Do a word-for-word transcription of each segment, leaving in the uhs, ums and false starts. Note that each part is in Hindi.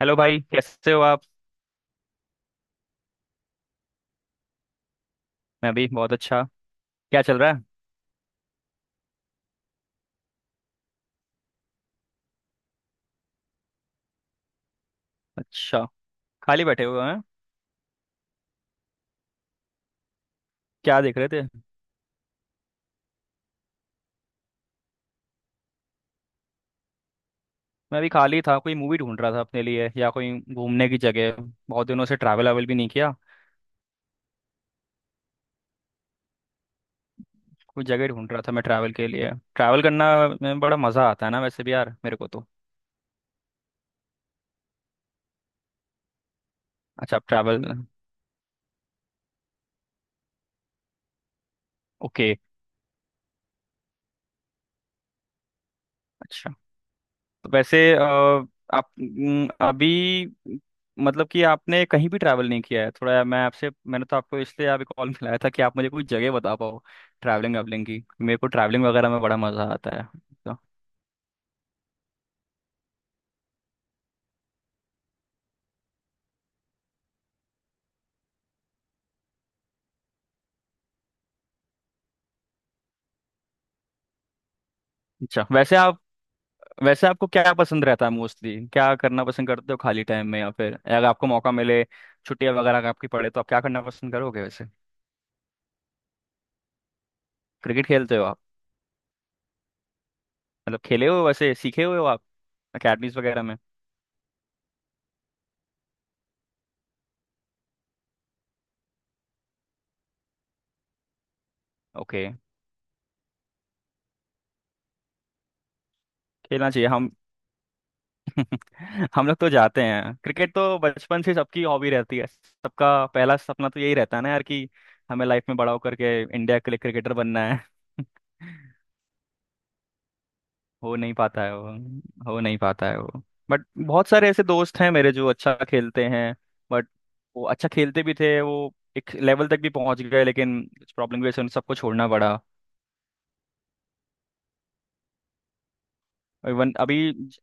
हेलो भाई, कैसे हो आप? मैं भी बहुत अच्छा। क्या चल रहा है? अच्छा, खाली बैठे हुए हैं। क्या देख रहे थे? मैं भी खाली था, कोई मूवी ढूंढ रहा था अपने लिए, या कोई घूमने की जगह। बहुत दिनों से ट्रैवल अवेल भी नहीं किया। कोई जगह ढूंढ रहा था मैं ट्रैवल के लिए। ट्रैवल करना में बड़ा मज़ा आता है ना, वैसे भी यार मेरे को तो। अच्छा, आप ट्रैवल। ओके। अच्छा। तो वैसे अ, आप न- अभी, मतलब कि आपने कहीं भी ट्रैवल नहीं किया है थोड़ा। मैं आपसे मैंने तो आपको इसलिए आप कॉल मिलाया था कि आप मुझे कोई जगह बता पाओ। ट्रैवलिंग वैवलिंग की, मेरे को ट्रैवलिंग वगैरह में बड़ा मज़ा आता है तो। अच्छा, वैसे आप वैसे आपको क्या पसंद रहता है मोस्टली? क्या करना पसंद करते हो खाली टाइम में, या फिर अगर आपको मौका मिले, छुट्टियां वगैरह अगर आपकी पड़े, तो आप क्या करना पसंद करोगे वैसे? क्रिकेट खेलते हो आप? मतलब खेले हो, वैसे सीखे हुए हो आप, अकेडमीज वगैरह में? ओके। खेलना चाहिए हम। हम लोग तो जाते हैं, क्रिकेट तो बचपन से सबकी हॉबी रहती है, सबका पहला सपना तो यही रहता है ना यार, कि हमें लाइफ में बड़ा होकर के इंडिया के लिए क्रिकेटर बनना है। हो नहीं पाता है वो। हो नहीं पाता है वो। बट बहुत सारे ऐसे दोस्त हैं मेरे जो अच्छा खेलते हैं। बट वो अच्छा खेलते भी थे, वो एक लेवल तक भी पहुंच गए, लेकिन कुछ प्रॉब्लम की वजह से उन सबको छोड़ना पड़ा। इवन अभी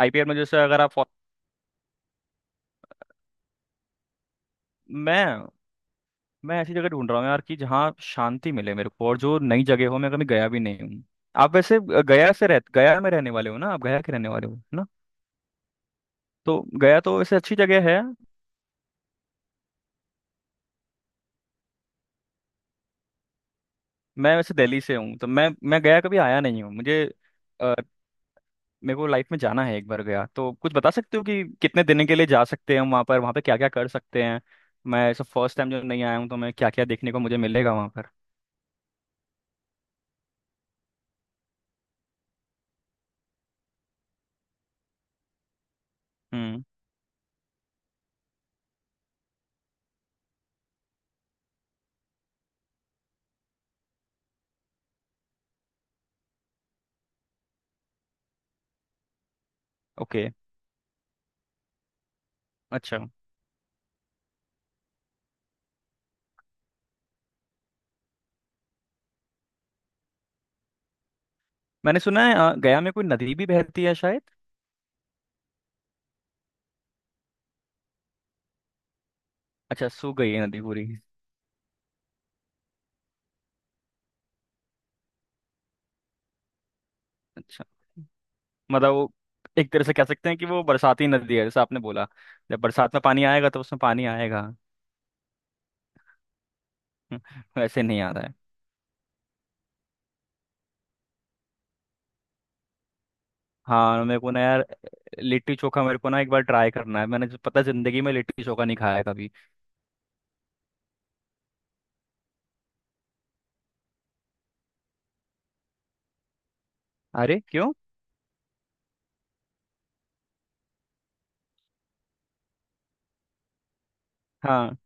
आईपीएल में जैसे अगर आप फॉ- मैं मैं ऐसी जगह ढूंढ रहा हूँ यार कि जहाँ शांति मिले मेरे को, और जो नई जगह हो, मैं कभी गया भी नहीं हूँ। आप वैसे गया से रह गया में रहने वाले हो ना, आप गया के रहने वाले हो है ना? तो गया तो वैसे अच्छी जगह है। मैं वैसे दिल्ली से हूँ, तो मैं मैं गया कभी आया नहीं हूँ मुझे। अ, मेरे को लाइफ में जाना है एक बार गया। तो कुछ बता सकते हो कि कितने दिन के लिए जा सकते हैं हम वहाँ पर? वहाँ पे क्या क्या कर सकते हैं? मैं सब फर्स्ट टाइम जब नहीं आया हूँ तो मैं क्या क्या देखने को मुझे मिलेगा वहाँ पर? हम्म। ओके। अच्छा। मैंने सुना है अ, गया में कोई नदी भी बहती है शायद। अच्छा, सूख गई है नदी पूरी? अच्छा, मतलब वो एक तरह से कह सकते हैं कि वो बरसाती नदी है जैसे आपने बोला। जब बरसात में पानी आएगा तो उसमें पानी आएगा। वैसे नहीं आता है। हाँ, मेरे को ना यार, लिट्टी चोखा मेरे को ना एक बार ट्राई करना है। मैंने जो- पता है, जिंदगी में लिट्टी चोखा नहीं खाया कभी। अरे क्यों? हाँ।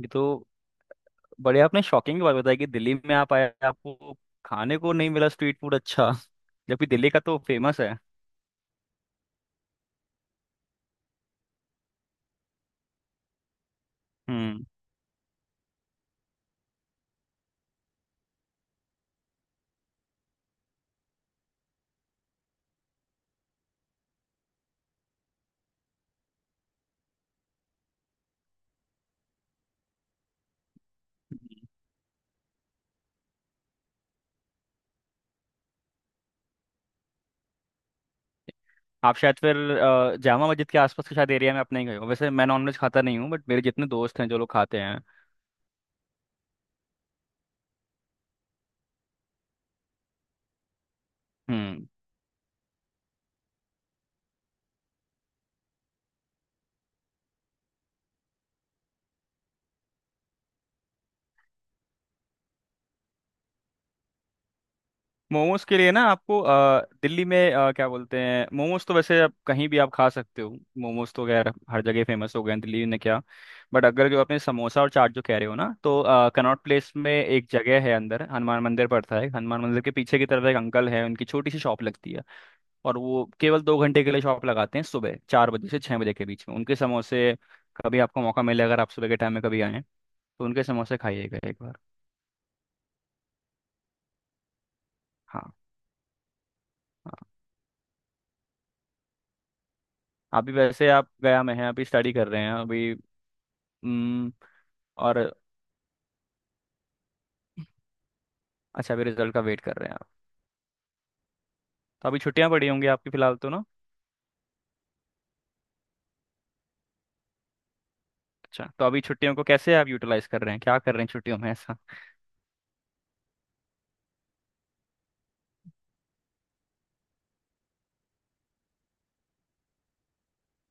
ये तो बड़े आपने शॉकिंग बात बताई कि दिल्ली में आप आए, आपको खाने को नहीं मिला स्ट्रीट फूड अच्छा, जबकि दिल्ली का तो फेमस है। हम्म। आप शायद फिर अ, जामा मस्जिद के आसपास के शायद एरिया में अपने ही गए हो। वैसे मैं नॉनवेज खाता नहीं हूँ बट मेरे जितने दोस्त हैं जो लोग खाते हैं। हम्म। मोमोज के लिए ना आपको अ, दिल्ली में अ, क्या बोलते हैं, मोमोज तो वैसे आप कहीं भी आप खा सकते हो। मोमोज तो खैर हर जगह फेमस हो गए हैं दिल्ली ने क्या। बट अगर जो आपने समोसा और चाट जो कह रहे हो ना, तो अ, कनॉट प्लेस में एक जगह है, अंदर हनुमान मंदिर पड़ता है। हनुमान मंदिर के पीछे की तरफ एक अंकल है, उनकी छोटी सी शॉप लगती है। और वो केवल दो घंटे के लिए शॉप लगाते हैं, सुबह चार बजे से छः बजे के बीच में। उनके समोसे, कभी आपको मौका मिले, अगर आप सुबह के टाइम में कभी आएँ, तो उनके समोसे खाइएगा एक बार। हाँ। अभी वैसे आप गया में हैं, अभी स्टडी कर रहे हैं अभी? हम्म। और, अच्छा, अभी रिजल्ट का वेट कर रहे हैं आप? तो अभी छुट्टियां पड़ी होंगी आपकी फिलहाल तो ना? अच्छा, तो अभी छुट्टियों को कैसे आप यूटिलाइज कर रहे हैं, क्या कर रहे हैं छुट्टियों में ऐसा?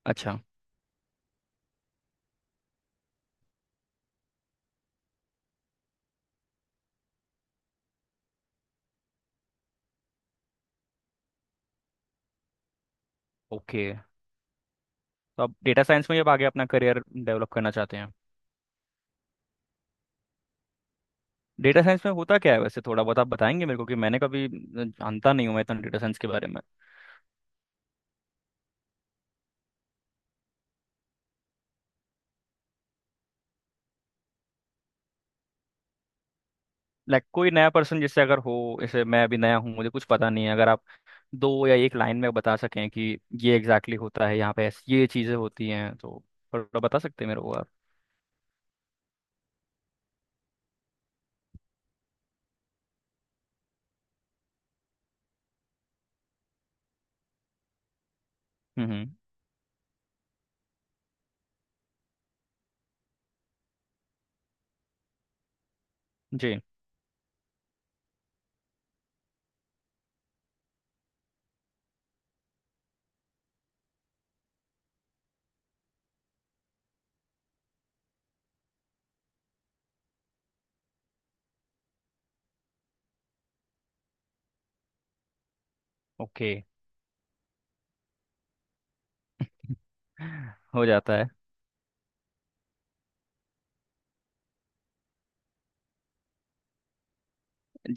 अच्छा। ओके। तो आप डेटा साइंस में ही अब आगे अपना करियर डेवलप करना चाहते हैं? डेटा साइंस में होता क्या है वैसे, थोड़ा बहुत आप बताएंगे मेरे को? कि मैंने कभी जानता नहीं हूँ मैं इतना डेटा साइंस के बारे में। लाइक कोई नया पर्सन जैसे अगर हो, जैसे मैं अभी नया हूँ, मुझे कुछ पता नहीं है, अगर आप दो या एक लाइन में बता सकें कि ये एग्जैक्टली exactly होता है यहाँ पे ऐस- ये चीज़ें होती हैं तो थोड़ा बता सकते हैं मेरे को आप? हम्म। हम्म। जी। ओके। हो जाता है।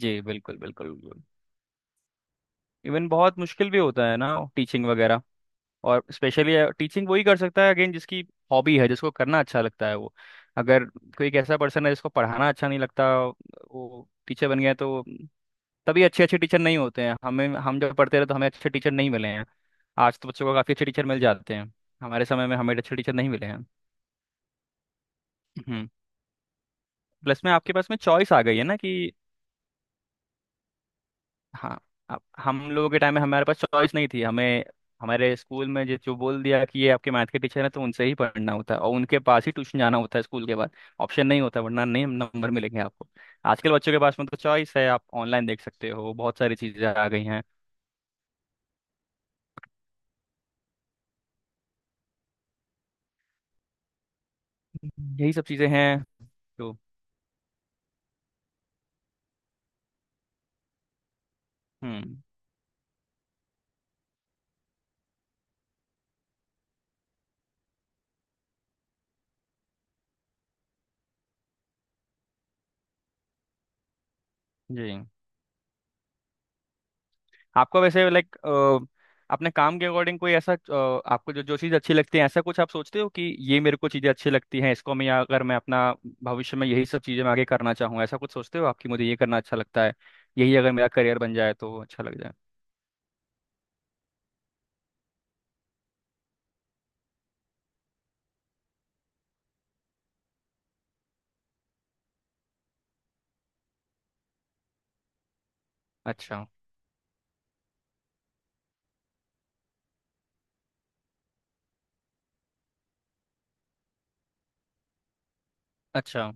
जी बिल्कुल बिल्कुल बिल्कुल। इवन बहुत मुश्किल भी होता है ना, टीचिंग वगैरह। और स्पेशली टीचिंग वही कर सकता है अगेन जिसकी हॉबी है, जिसको करना अच्छा लगता है वो। अगर कोई एक ऐसा पर्सन है जिसको पढ़ाना अच्छा नहीं लगता, वो टीचर बन गया है, तो तभी अच्छे अच्छे टीचर नहीं होते हैं हमें। हम जब पढ़ते रहे तो हमें अच्छे टीचर नहीं मिले हैं। आज तो बच्चों को काफ़ी अच्छे टीचर मिल जाते हैं। हमारे समय में हमें अच्छे टीचर नहीं मिले हैं। हम्म। प्लस में आपके पास में चॉइस आ गई है ना कि? हाँ। अब हम लोगों के टाइम में हमारे पास चॉइस नहीं थी हमें। हमारे स्कूल में जो जो बोल दिया कि ये आपके मैथ के टीचर हैं, तो उनसे ही पढ़ना होता है और उनके पास ही ट्यूशन जाना होता है स्कूल के बाद। ऑप्शन नहीं होता, वरना नहीं नंबर मिलेंगे आपको। आजकल बच्चों के पास में तो चॉइस है, आप ऑनलाइन देख सकते हो, बहुत सारी चीज़ें आ गई हैं। यही सब चीज़ें हैं तो। हम्म। जी। आपको वैसे लाइक अपने काम के अकॉर्डिंग कोई ऐसा अ, आपको जो जो चीज़ अच्छी लगती है, ऐसा कुछ आप सोचते हो कि ये मेरे को चीज़ें अच्छी लगती हैं इसको मैं, या अगर मैं अपना भविष्य में यही सब चीज़ें मैं आगे करना चाहूँ, ऐसा कुछ सोचते हो आपकी? मुझे ये करना अच्छा लगता है, यही अगर मेरा करियर बन जाए तो अच्छा लग जाए। अच्छा। अच्छा।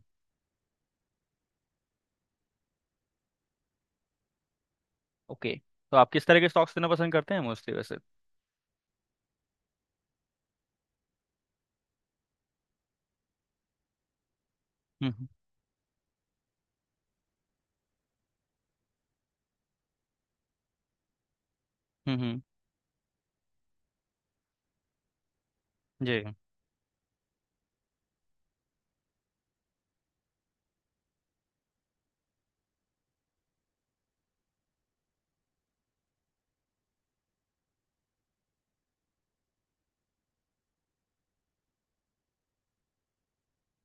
ओके। तो आप किस तरह के स्टॉक्स लेना पसंद करते हैं मोस्टली वैसे? हम्म। हम्म। हम्म, हम्म, जी।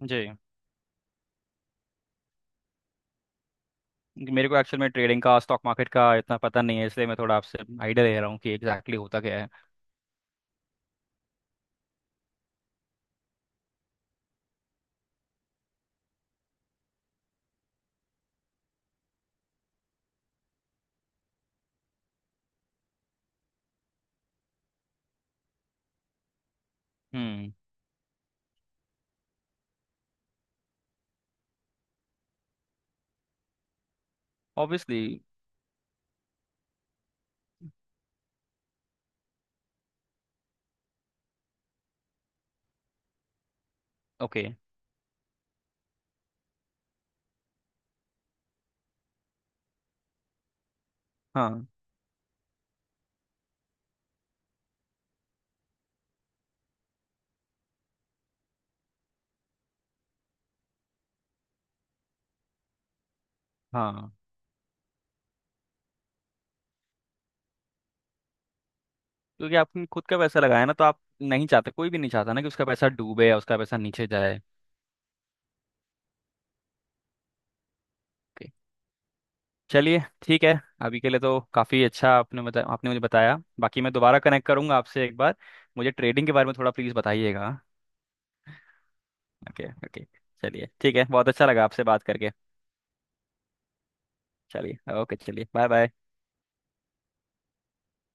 जी। क्योंकि मेरे को एक्चुअल में ट्रेडिंग का स्टॉक मार्केट का इतना पता नहीं है, इसलिए मैं थोड़ा आपसे आइडिया ले रहा हूँ कि एग्जैक्टली exactly होता क्या है? हम्म। ऑब्वियसली। ओके। हाँ। हाँ, क्योंकि आपने खुद का पैसा लगाया ना तो आप नहीं चाहते, कोई भी नहीं चाहता ना कि उसका पैसा डूबे या उसका पैसा नीचे जाए। ओके। चलिए ठीक है। अभी के लिए तो काफ़ी अच्छा, आपने बता आपने मुझे बताया। बाकी मैं दोबारा कनेक्ट करूंगा आपसे एक बार, मुझे ट्रेडिंग के बारे में थोड़ा प्लीज़ बताइएगा। ओके। ओके। चलिए ठीक है, बहुत अच्छा लगा आपसे बात करके। चलिए ओके चलिए बाय बाय।